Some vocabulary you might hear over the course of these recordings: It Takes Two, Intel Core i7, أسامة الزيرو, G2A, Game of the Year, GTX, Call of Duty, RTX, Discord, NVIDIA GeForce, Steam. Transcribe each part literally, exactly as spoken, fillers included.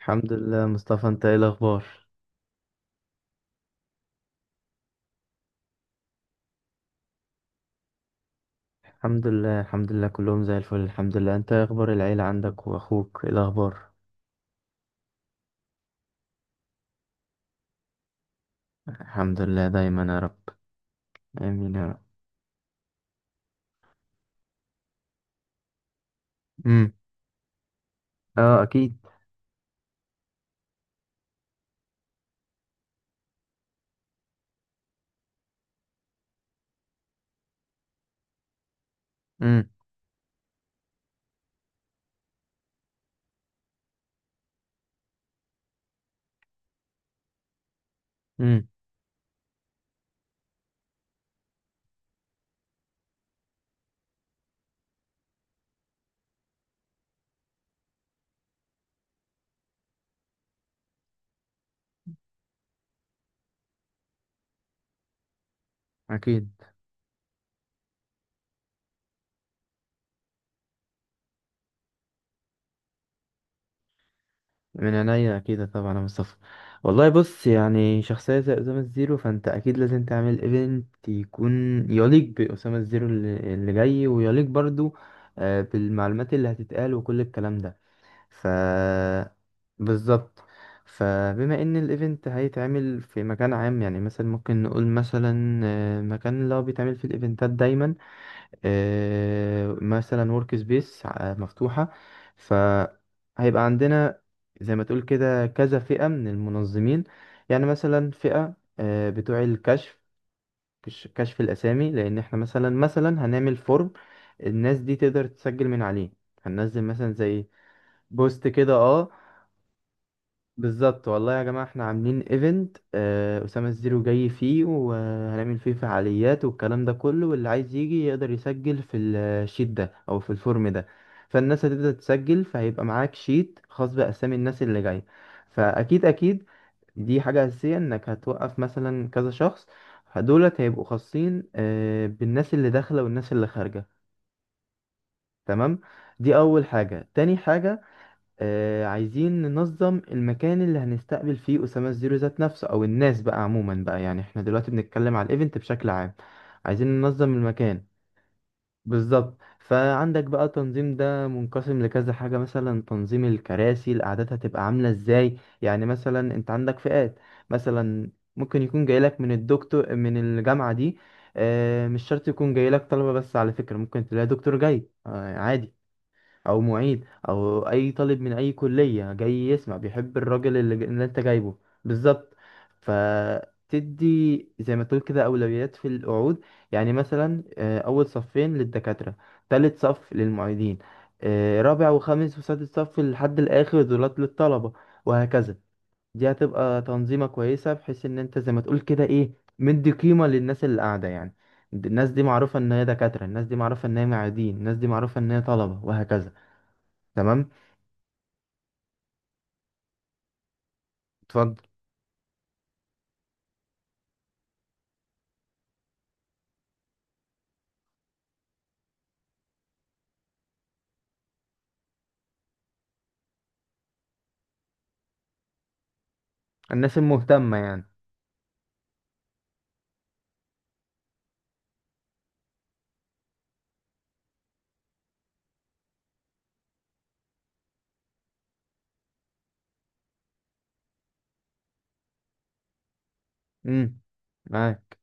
الحمد لله مصطفى، انت ايه الاخبار؟ الحمد لله الحمد لله كلهم زي الفل الحمد لله. انت ايه اخبار العيلة عندك، واخوك ايه الاخبار؟ الحمد لله دايما يا رب. امين يا رب. امم اه، اكيد. امم امم اكيد، من عينيا، اكيد طبعا يا مصطفى. والله بص، يعني شخصية زي أسامة الزيرو فأنت أكيد لازم تعمل ايفنت يكون يليق بأسامة الزيرو اللي اللي جاي، ويليق برضو آه، بالمعلومات اللي هتتقال وكل الكلام ده. ف بالظبط. فبما ان الايفنت هيتعمل في مكان عام، يعني مثلا ممكن نقول مثلا آه، مكان اللي هو بيتعمل في الايفنتات دايما، آه، مثلا ورك سبيس مفتوحة. فهيبقى عندنا زي ما تقول كده كذا فئة من المنظمين، يعني مثلا فئة آه، بتوع الكشف. كش- كشف الأسامي، لأن احنا مثلا مثلا هنعمل فورم الناس دي تقدر تسجل من عليه. هننزل مثلا زي بوست كده، اه بالظبط. والله يا جماعة احنا عاملين ايفنت آه أسامة الزيرو جاي فيه، وهنعمل فيه فعاليات والكلام ده كله، واللي عايز يجي يقدر يسجل في الشيت ده أو في الفورم ده. فالناس هتبدأ تسجل، فهيبقى معاك شيت خاص بأسامي الناس اللي جاية. فأكيد أكيد دي حاجة أساسية، إنك هتوقف مثلا كذا شخص دولت هيبقوا خاصين آه، بالناس اللي داخلة والناس اللي خارجة. تمام. دي أول حاجة. تاني حاجة آه عايزين ننظم المكان اللي هنستقبل فيه أسامة الزيرو ذات نفسه، أو الناس بقى عموما بقى، يعني احنا دلوقتي بنتكلم على الإيفنت بشكل عام. عايزين ننظم المكان. بالظبط. فعندك بقى تنظيم ده منقسم لكذا حاجة، مثلا تنظيم الكراسي الأعداد هتبقى عاملة ازاي، يعني مثلا انت عندك فئات. مثلا ممكن يكون جايلك من الدكتور من الجامعة دي. آه مش شرط يكون جايلك طلبة بس، على فكرة ممكن تلاقي دكتور جاي آه عادي، او معيد، او اي طالب من اي كلية جاي يسمع بيحب الراجل اللي، ج- اللي انت جايبه. بالظبط. فتدي زي ما تقول كده اولويات في القعود، يعني مثلا آه، اول صفين للدكاترة، تالت صف للمعيدين، آه، رابع وخامس وسادس صف لحد الاخر دولات للطلبة، وهكذا. دي هتبقى تنظيمة كويسة، بحيث ان انت زي ما تقول كده ايه مدي قيمة للناس اللي قاعدة يعني. الناس دي معروفة ان هي دكاترة، الناس دي معروفة ان هي معيدين، الناس دي معروفة ان هي طلبة، وهكذا. تمام. اتفضل. الناس المهتمة يعني. امم معاك.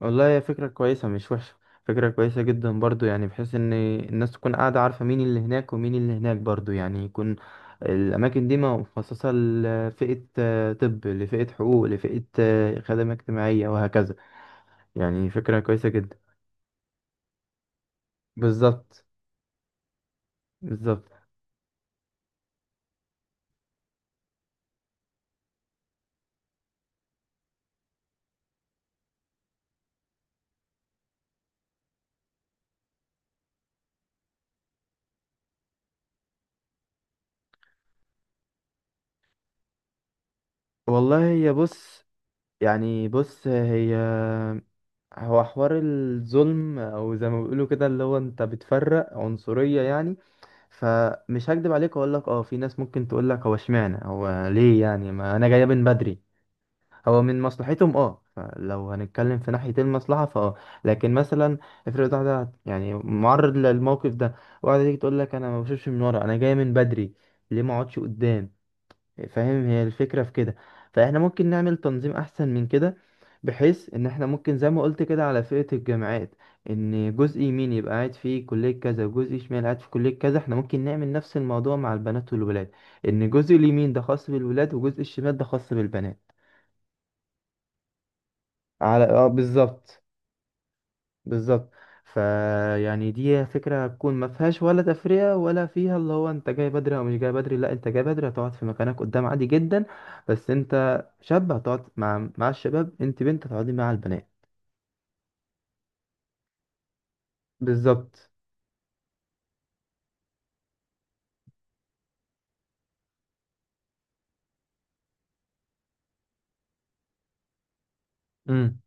والله هي فكرة كويسة مش وحشة. فكرة كويسة جدا برضو، يعني بحيث ان الناس تكون قاعدة عارفة مين اللي هناك ومين اللي هناك برضو، يعني يكون الأماكن دي مخصصة لفئة آه، طب، لفئة حقوق، لفئة آه، خدمة اجتماعية، وهكذا. يعني فكرة كويسة جدا. بالظبط. بالظبط. والله هي بص، يعني بص هي هو حوار الظلم او زي ما بيقولوا كده اللي هو انت بتفرق عنصرية يعني. فمش هكدب عليك واقول لك اه في ناس ممكن تقول لك هو اشمعنى هو ليه يعني، ما انا جايه من بدري. هو من مصلحتهم، اه فلو هنتكلم في ناحية المصلحة فاه. لكن مثلا افرض واحدة يعني معرض للموقف ده، واحدة تيجي تقول لك انا ما بشوفش من ورا، انا جايه من بدري، ليه ما اقعدش قدام؟ فاهم هي الفكرة في كده. فاحنا ممكن نعمل تنظيم احسن من كده، بحيث ان احنا ممكن زي ما قلت كده على فئة الجامعات، ان جزء يمين يبقى قاعد فيه كلية كذا وجزء شمال قاعد في كلية كذا، احنا ممكن نعمل نفس الموضوع مع البنات والولاد. ان جزء اليمين ده خاص بالولاد وجزء الشمال ده خاص بالبنات. على اه بالظبط. بالظبط. فيعني دي فكرة هتكون ما فيهاش ولا تفرقة ولا فيها اللي هو انت جاي بدري او مش جاي بدري، لا انت جاي بدري هتقعد في مكانك قدام عادي جدا. بس انت شاب هتقعد مع مع الشباب، انت بنت هتقعدي مع البنات. بالظبط. امم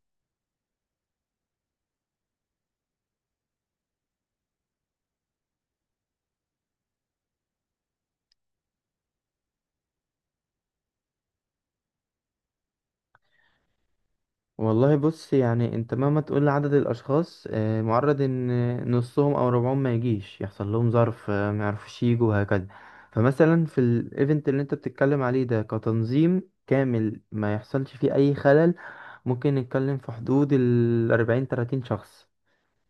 والله بص، يعني انت مهما تقول لعدد الاشخاص آه، معرض ان نصهم او ربعهم ما يجيش، يحصل لهم ظرف آه، ما يعرفوش يجوا، وهكذا. فمثلا في الايفنت اللي انت بتتكلم عليه ده كتنظيم كامل ما يحصلش فيه اي خلل، ممكن نتكلم في حدود ال أربعين تلاتين شخص.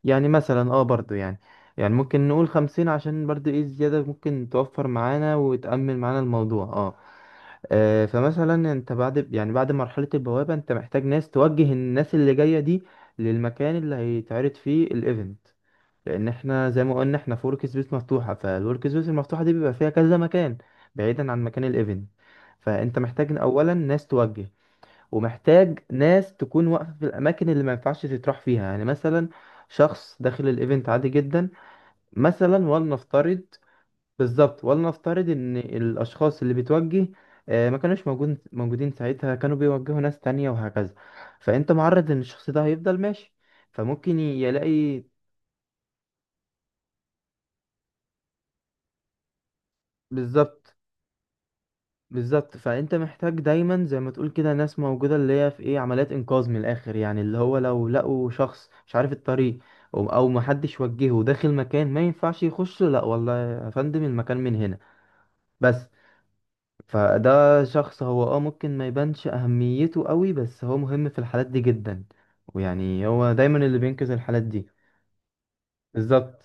يعني مثلا اه برضو يعني يعني ممكن نقول خمسين عشان برضو ايه زيادة ممكن توفر معانا وتأمن معانا الموضوع اه. آه، فمثلا انت بعد يعني بعد مرحلة البوابة انت محتاج ناس توجه الناس اللي جاية دي للمكان اللي هيتعرض فيه الايفنت، لان احنا زي ما قلنا احنا في ورك سبيس مفتوحة، فالورك سبيس المفتوحة دي بيبقى فيها كذا مكان بعيدا عن مكان الايفنت. فانت محتاج اولا ناس توجه، ومحتاج ناس تكون واقفة في الاماكن اللي ما ينفعش تتراح فيها، يعني مثلا شخص داخل الايفنت عادي جدا مثلا، ولنفترض. بالظبط. ولنفترض ان الاشخاص اللي بتوجه آه، ما كانوش موجود موجودين ساعتها، كانوا بيوجهوا ناس تانية وهكذا. فانت معرض ان الشخص ده هيفضل ماشي، فممكن ي- يلاقي. بالظبط. بالظبط. فانت محتاج دايما زي ما تقول كده ناس موجودة اللي هي في ايه عمليات انقاذ من الاخر، يعني اللي هو لو لقوا شخص مش عارف الطريق او أو محدش وجهه داخل مكان ما ينفعش يخش، لا والله يا فندم المكان من هنا بس. فده شخص هو اه ممكن ما يبانش اهميته قوي بس هو مهم في الحالات دي جدا، ويعني هو دايما اللي بينقذ الحالات دي. بالظبط.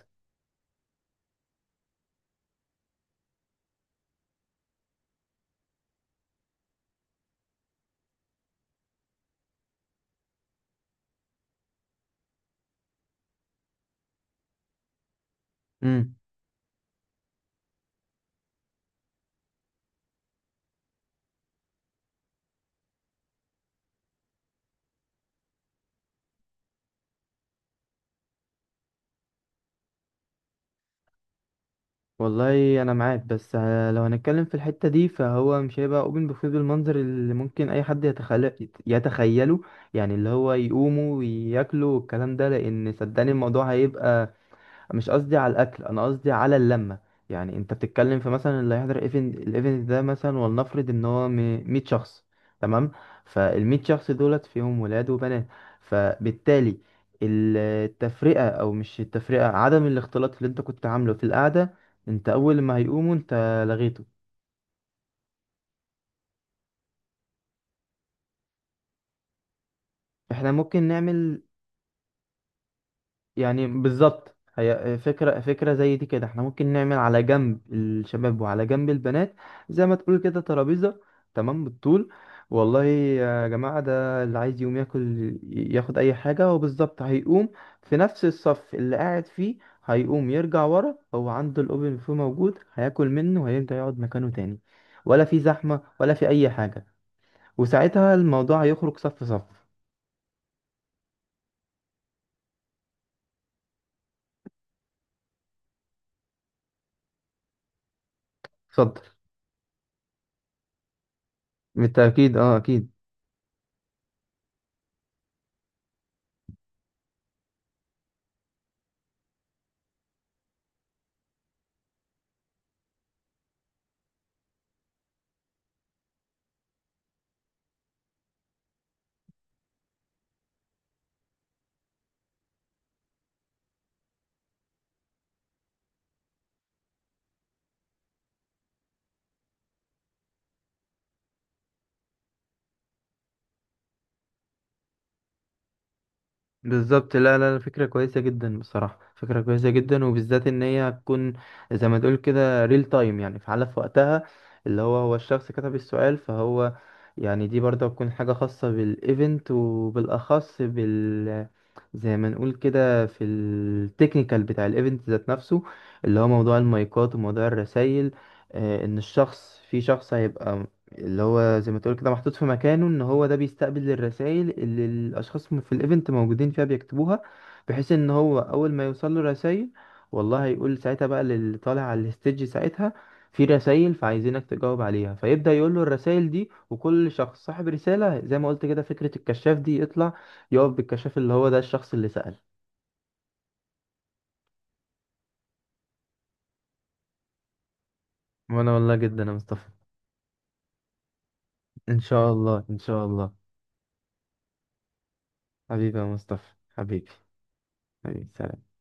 امم والله انا معاك بس، آه، لو هنتكلم في الحتة دي فهو مش هيبقى اوبن بوفيه بالمنظر اللي ممكن اي حد يتخيل يتخيله، يعني اللي هو يقوموا وياكلوا والكلام ده لان صدقني الموضوع هيبقى. مش قصدي على الاكل، انا قصدي على اللمه. يعني انت بتتكلم في مثلا اللي هيحضر ايفنت الايفنت ده مثلا ولنفرض ان هو م- مية شخص. تمام. فال100 شخص دولت فيهم ولاد وبنات، فبالتالي التفرقه او مش التفرقه عدم الاختلاط اللي انت كنت عامله في القعده انت اول ما هيقوموا انت لغيته. احنا ممكن نعمل. يعني بالظبط هي فكرة فكرة زي دي كده، احنا ممكن نعمل على جنب الشباب وعلى جنب البنات زي ما تقول كده ترابيزة. تمام بالطول. والله يا جماعة ده اللي عايز يقوم ياكل ياخد أي حاجة، وبالظبط هيقوم في نفس الصف اللي قاعد فيه، هيقوم يرجع ورا هو عنده الأوبن فيه موجود، هياكل منه وهيرجع يقعد مكانه تاني. ولا في زحمة ولا في أي حاجة. وساعتها الموضوع هيخرج صف صف. اتفضل. بالتأكيد اه أكيد. بالظبط لا لا لا، فكرة كويسة جدا بصراحة، فكرة كويسة جدا وبالذات ان هي هتكون زي ما تقول كده ريل تايم يعني فعالة في وقتها، اللي هو هو الشخص كتب السؤال فهو. يعني دي برضه هتكون حاجة خاصة بالايفنت وبالاخص بال زي ما نقول كده في التكنيكال بتاع الايفنت ذات نفسه، اللي هو موضوع المايكات وموضوع الرسايل. آه، ان الشخص في شخص هيبقى اللي هو زي ما تقول كده محطوط في مكانه، ان هو ده بيستقبل الرسائل اللي الاشخاص م- في الايفنت موجودين فيها بيكتبوها، بحيث ان هو اول ما يوصل له رسائل والله هيقول ساعتها بقى للي طالع على الستيج، ساعتها في رسائل فعايزينك تجاوب عليها، فيبدأ يقول له الرسائل دي، وكل شخص صاحب رسالة زي ما قلت كده فكرة الكشاف دي يطلع يقف بالكشاف اللي هو ده الشخص اللي سأل. وانا والله جدا يا مصطفى. ان شاء الله ان شاء الله. حبيبي يا مصطفى حبيبي. حبيبي، سلام.